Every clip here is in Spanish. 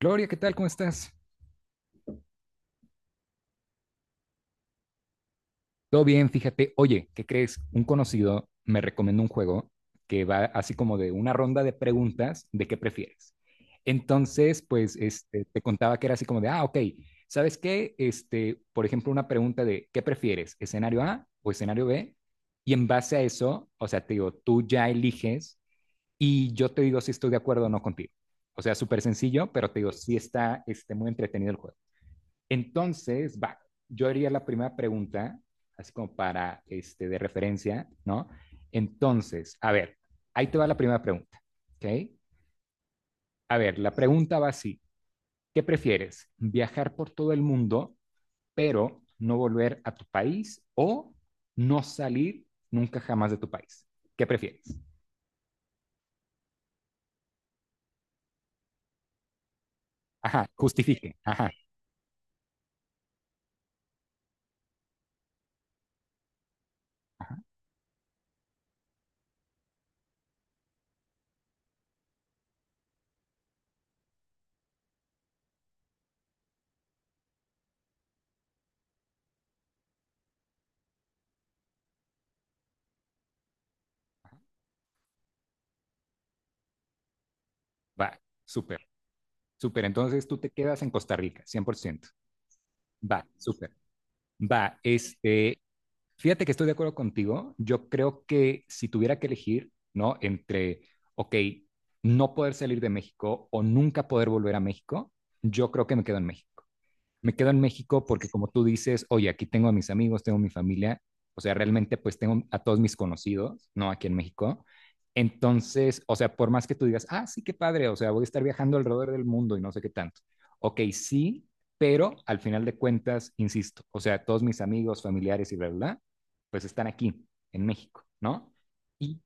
Gloria, ¿qué tal? ¿Cómo estás? Todo bien, fíjate. Oye, ¿qué crees? Un conocido me recomendó un juego que va así como de una ronda de preguntas de qué prefieres. Entonces, pues, te contaba que era así como de, ok, ¿sabes qué? Por ejemplo, una pregunta de ¿qué prefieres? ¿Escenario A o escenario B? Y en base a eso, o sea, te digo, tú ya eliges y yo te digo si estoy de acuerdo o no contigo. O sea, súper sencillo, pero te digo, sí está, muy entretenido el juego. Entonces, va, yo haría la primera pregunta, así como para, de referencia, ¿no? Entonces, a ver, ahí te va la primera pregunta, ¿ok? A ver, la pregunta va así, ¿qué prefieres? ¿Viajar por todo el mundo, pero no volver a tu país o no salir nunca jamás de tu país? ¿Qué prefieres? Ajá, justifique, ajá, ajá, va, súper, súper. Entonces tú te quedas en Costa Rica, 100%. Va, súper. Va, fíjate que estoy de acuerdo contigo. Yo creo que si tuviera que elegir, ¿no? Entre, ok, no poder salir de México o nunca poder volver a México, yo creo que me quedo en México porque como tú dices, oye, aquí tengo a mis amigos, tengo a mi familia, o sea, realmente pues tengo a todos mis conocidos, ¿no? Aquí en México. Entonces, o sea, por más que tú digas, ah, sí, qué padre, o sea, voy a estar viajando alrededor del mundo y no sé qué tanto. Ok, sí, pero al final de cuentas, insisto, o sea, todos mis amigos, familiares y bla, bla, bla, pues están aquí, en México, ¿no? Y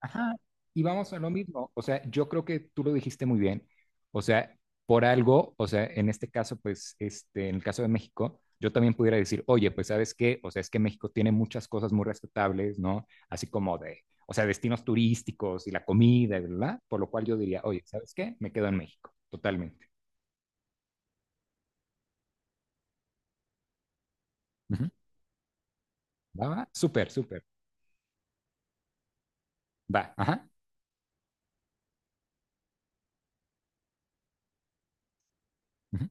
Ajá, y vamos a lo mismo. O sea, yo creo que tú lo dijiste muy bien. O sea, por algo, o sea, en este caso, pues, en el caso de México, yo también pudiera decir, oye, pues, ¿sabes qué? O sea, es que México tiene muchas cosas muy respetables, ¿no? Así como de, o sea, destinos turísticos y la comida, ¿verdad? Por lo cual yo diría, oye, ¿sabes qué? Me quedo en México, totalmente. Ujú. Va, va, súper, súper. Va, ajá. Ujú.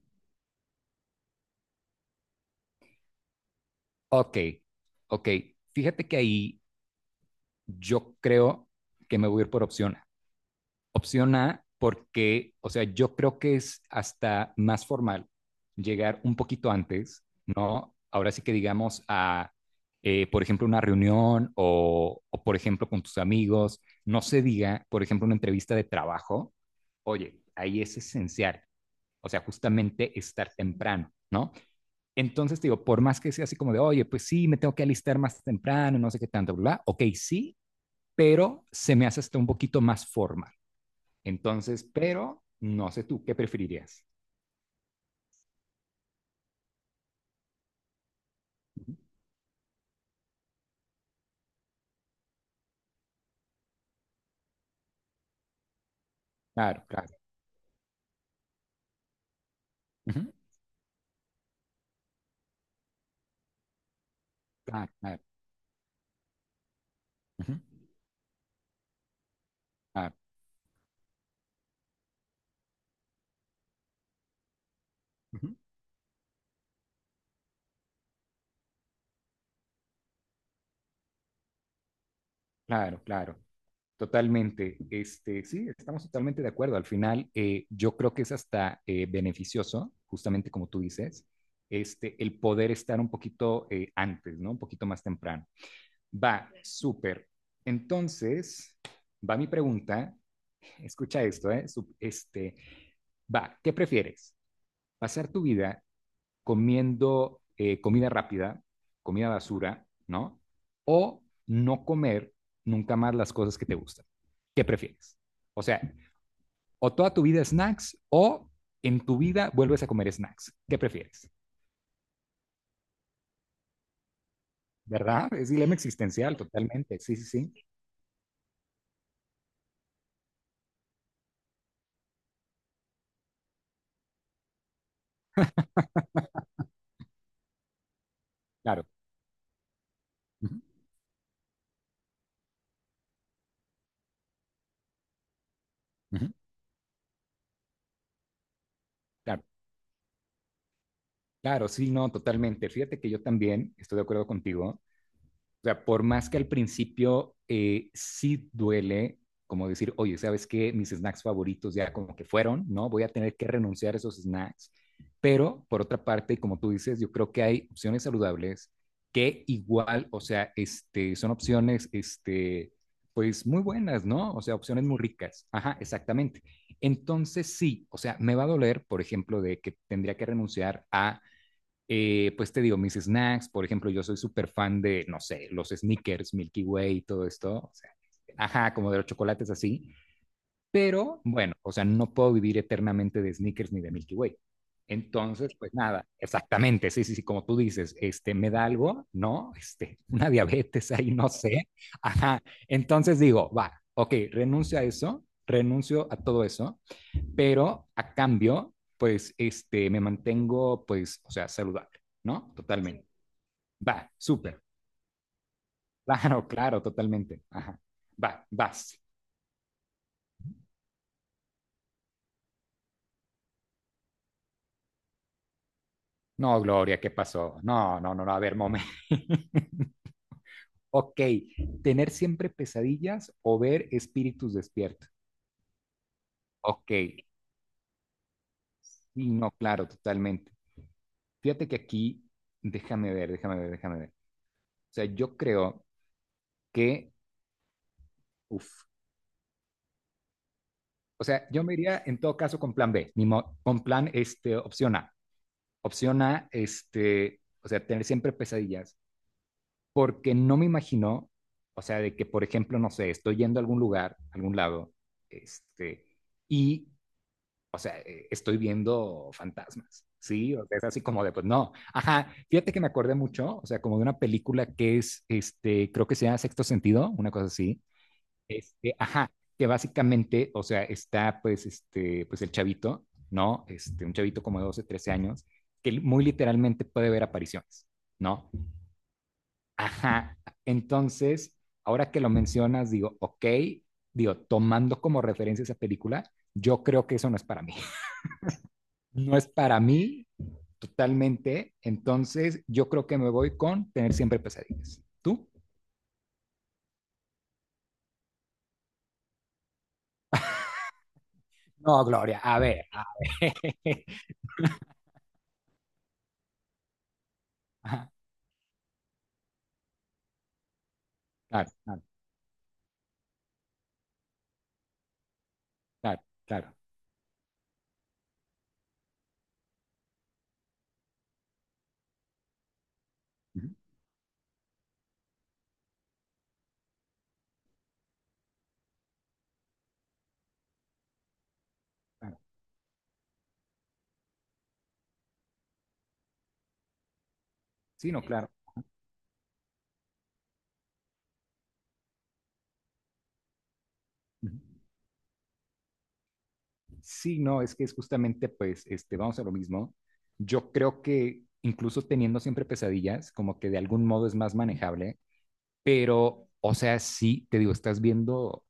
Ok, ok. Fíjate que ahí yo creo que me voy a ir por Opción A, porque, o sea, yo creo que es hasta más formal llegar un poquito antes, ¿no? Ahora sí que digamos a, por ejemplo, una reunión o, por ejemplo, con tus amigos, no se diga, por ejemplo, una entrevista de trabajo, oye, ahí es esencial, o sea, justamente estar temprano, ¿no? Entonces, digo, por más que sea así como de, oye, pues sí, me tengo que alistar más temprano, no sé qué tanto, bla, bla, ok, sí, pero se me hace hasta un poquito más formal. Entonces, pero no sé tú, ¿qué preferirías? Claro, claro. Ujú, claro, claro. Ujú, claro, ujú, claro, claro. Totalmente. Sí, estamos totalmente de acuerdo. Al final, yo creo que es hasta beneficioso, justamente como tú dices, el poder estar un poquito antes, ¿no? Un poquito más temprano. Va, súper. Entonces, va mi pregunta. Escucha esto, ¿eh? Va, ¿qué prefieres? ¿Pasar tu vida comiendo comida rápida, comida basura, ¿no? O no comer nunca más las cosas que te gustan. ¿Qué prefieres? O sea, o toda tu vida snacks o en tu vida vuelves a comer snacks. ¿Qué prefieres? ¿Verdad? Es dilema existencial totalmente. Sí, sí, sí. Claro. Ujú, ujú, claro, claro, sí, no, totalmente. Fíjate que yo también estoy de acuerdo contigo. O sea, por más que al principio sí duele, como decir, oye, ¿sabes qué? Mis snacks favoritos ya como que fueron, ¿no? Voy a tener que renunciar a esos snacks. Pero por otra parte, como tú dices, yo creo que hay opciones saludables que igual, o sea, son opciones, pues muy buenas, ¿no? O sea, opciones muy ricas. Ajá, exactamente. Entonces sí, o sea, me va a doler, por ejemplo, de que tendría que renunciar a pues te digo, mis snacks, por ejemplo, yo soy súper fan de, no sé, los Snickers Milky Way, todo esto, o sea, ajá, como de los chocolates así, pero bueno, o sea, no puedo vivir eternamente de Snickers ni de Milky Way. Entonces, pues nada, exactamente, sí, sí, sí, como tú dices, me da algo, ¿no? Una diabetes ahí, no sé. Ajá, entonces digo, va, ok, renuncio a eso, renuncio a todo eso pero a cambio, pues, me mantengo, pues, o sea, saludable, ¿no? Totalmente. Va, súper. Claro, claro, totalmente. Ajá. Va, vas. No, Gloria, ¿qué pasó? No, no, no, no, a ver, momento. Ok, tener siempre pesadillas o ver espíritus despiertos. Ok, sí, no, claro, totalmente. Fíjate que aquí, déjame ver, déjame ver, déjame ver. O sea, yo creo que, uff, o sea, yo me iría en todo caso con plan B, ni mo- con plan, opción A. Opción A, o sea, tener siempre pesadillas, porque no me imagino, o sea, de que, por ejemplo, no sé, estoy yendo a algún lugar, a algún lado, este, y, o sea, estoy viendo fantasmas, ¿sí? O sea, es así como de, pues no. Ajá, fíjate que me acordé mucho, o sea, como de una película que es, creo que se llama Sexto Sentido, una cosa así, ajá, que básicamente, o sea, está pues pues el chavito, ¿no? Un chavito como de 12, 13 años, que muy literalmente puede ver apariciones, ¿no? Ajá, entonces, ahora que lo mencionas, digo, ok, digo, tomando como referencia esa película, yo creo que eso no es para mí. No es para mí totalmente, entonces yo creo que me voy con tener siempre pesadillas. ¿Tú? No, Gloria, a ver, a ver. Ajá, claro, claro, claro, claro. Claro. Sí, no, claro. Ujú. Sí, no, es que es justamente, pues, vamos a lo mismo. Yo creo que incluso teniendo siempre pesadillas, como que de algún modo es más manejable, pero, o sea, sí, te digo, estás viendo,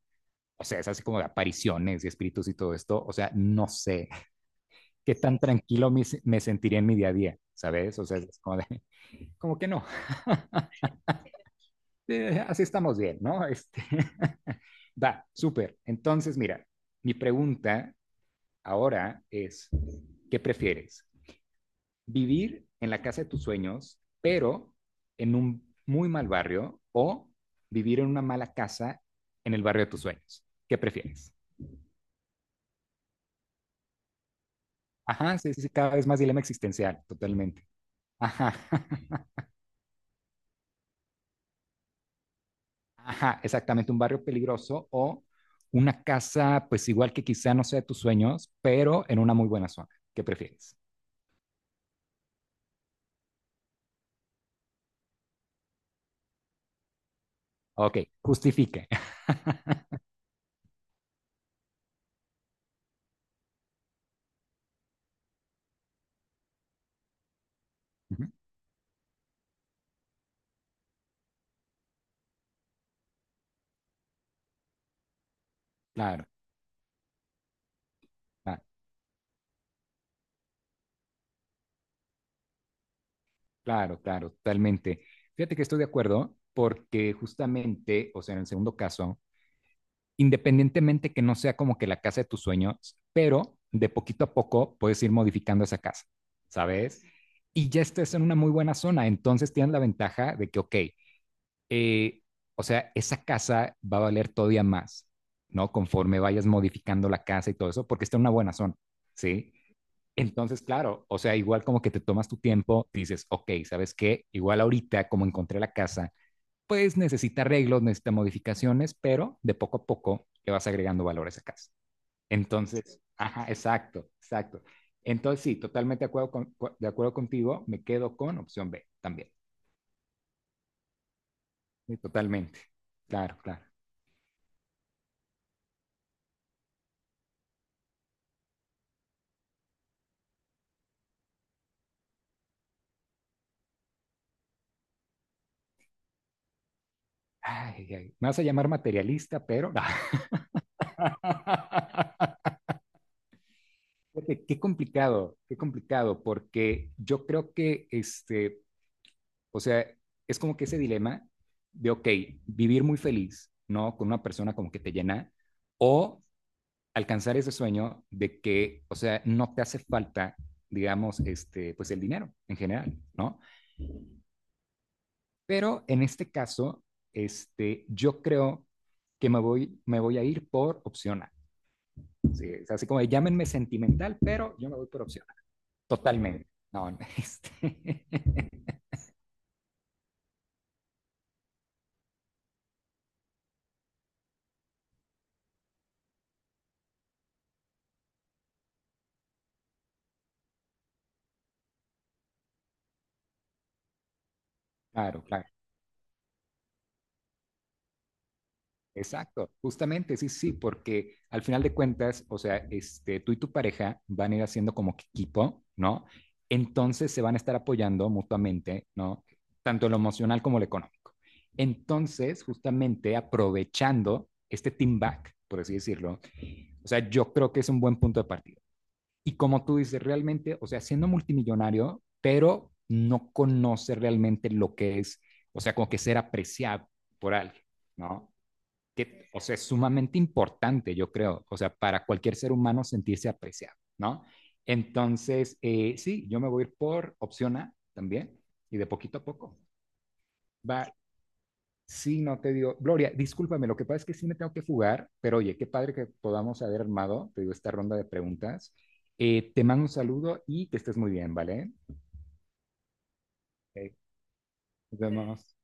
o sea, es así como de apariciones y espíritus y todo esto, o sea, no sé qué tan tranquilo me sentiría en mi día a día, ¿sabes? O sea, es como de, como que no, así estamos bien, ¿no? Va, súper. Entonces, mira, mi pregunta ahora es, ¿qué prefieres? ¿Vivir en la casa de tus sueños, pero en un muy mal barrio o vivir en una mala casa en el barrio de tus sueños? ¿Qué prefieres? Ajá, sí, sí, sí, cada vez más dilema existencial, totalmente. Ajá, ajá, exactamente, un barrio peligroso o una casa, pues igual que quizá no sea de tus sueños, pero en una muy buena zona. ¿Qué prefieres? Ok, justifique. Ujú, claro, claro. Claro, claro, totalmente. Fíjate que estoy de acuerdo porque justamente, o sea, en el segundo caso, independientemente que no sea como que la casa de tus sueños, pero de poquito a poco puedes ir modificando esa casa, ¿sabes? Y ya estás en una muy buena zona, entonces tienes la ventaja de que, ok, eh, o sea, esa casa va a valer todavía más, ¿no? Conforme vayas modificando la casa y todo eso, porque está en una buena zona, ¿sí? Entonces, claro, o sea, igual como que te tomas tu tiempo, dices, ok, ¿sabes qué? Igual ahorita, como encontré la casa, pues necesita arreglos, necesita modificaciones, pero de poco a poco le vas agregando valor a esa casa. Entonces, ajá, exacto, exacto. Entonces, sí, totalmente de acuerdo, de acuerdo contigo, me quedo con opción B también. Sí, totalmente. Claro, claro. Ay, ay, me vas a llamar materialista, pero... Fíjate, qué complicado, qué complicado, porque yo creo que o sea, es como que ese dilema de, ok, vivir muy feliz, ¿no? Con una persona como que te llena, o alcanzar ese sueño de que, o sea, no te hace falta, digamos, pues el dinero en general, ¿no? Pero en este caso, yo creo que me voy a ir por opción A. Sí, es así como de, llámenme sentimental, pero yo me voy por opción A. Totalmente. No, este... claro, claro. Exacto, justamente, sí, sí, porque al final de cuentas, o sea, tú y tu pareja van a ir haciendo como que equipo, ¿no? Entonces se van a estar apoyando mutuamente, ¿no? Tanto en lo emocional como en lo económico. Entonces, justamente aprovechando este team back, por así decirlo, o sea, yo creo que es un buen punto de partida. Y como tú dices, realmente, o sea, siendo multimillonario, pero no conoce realmente lo que es, o sea, como que ser apreciado por alguien, ¿no? Que, o sea, es sumamente importante, yo creo, o sea, para cualquier ser humano sentirse apreciado, ¿no? Entonces, sí, yo me voy a ir por opción A también, y de poquito a poco. Va, sí, no te digo, Gloria, discúlpame, lo que pasa es que sí me tengo que fugar, pero oye, qué padre que podamos haber armado, te digo, esta ronda de preguntas. Te mando un saludo y que estés muy bien, ¿vale? Ok, nos vemos.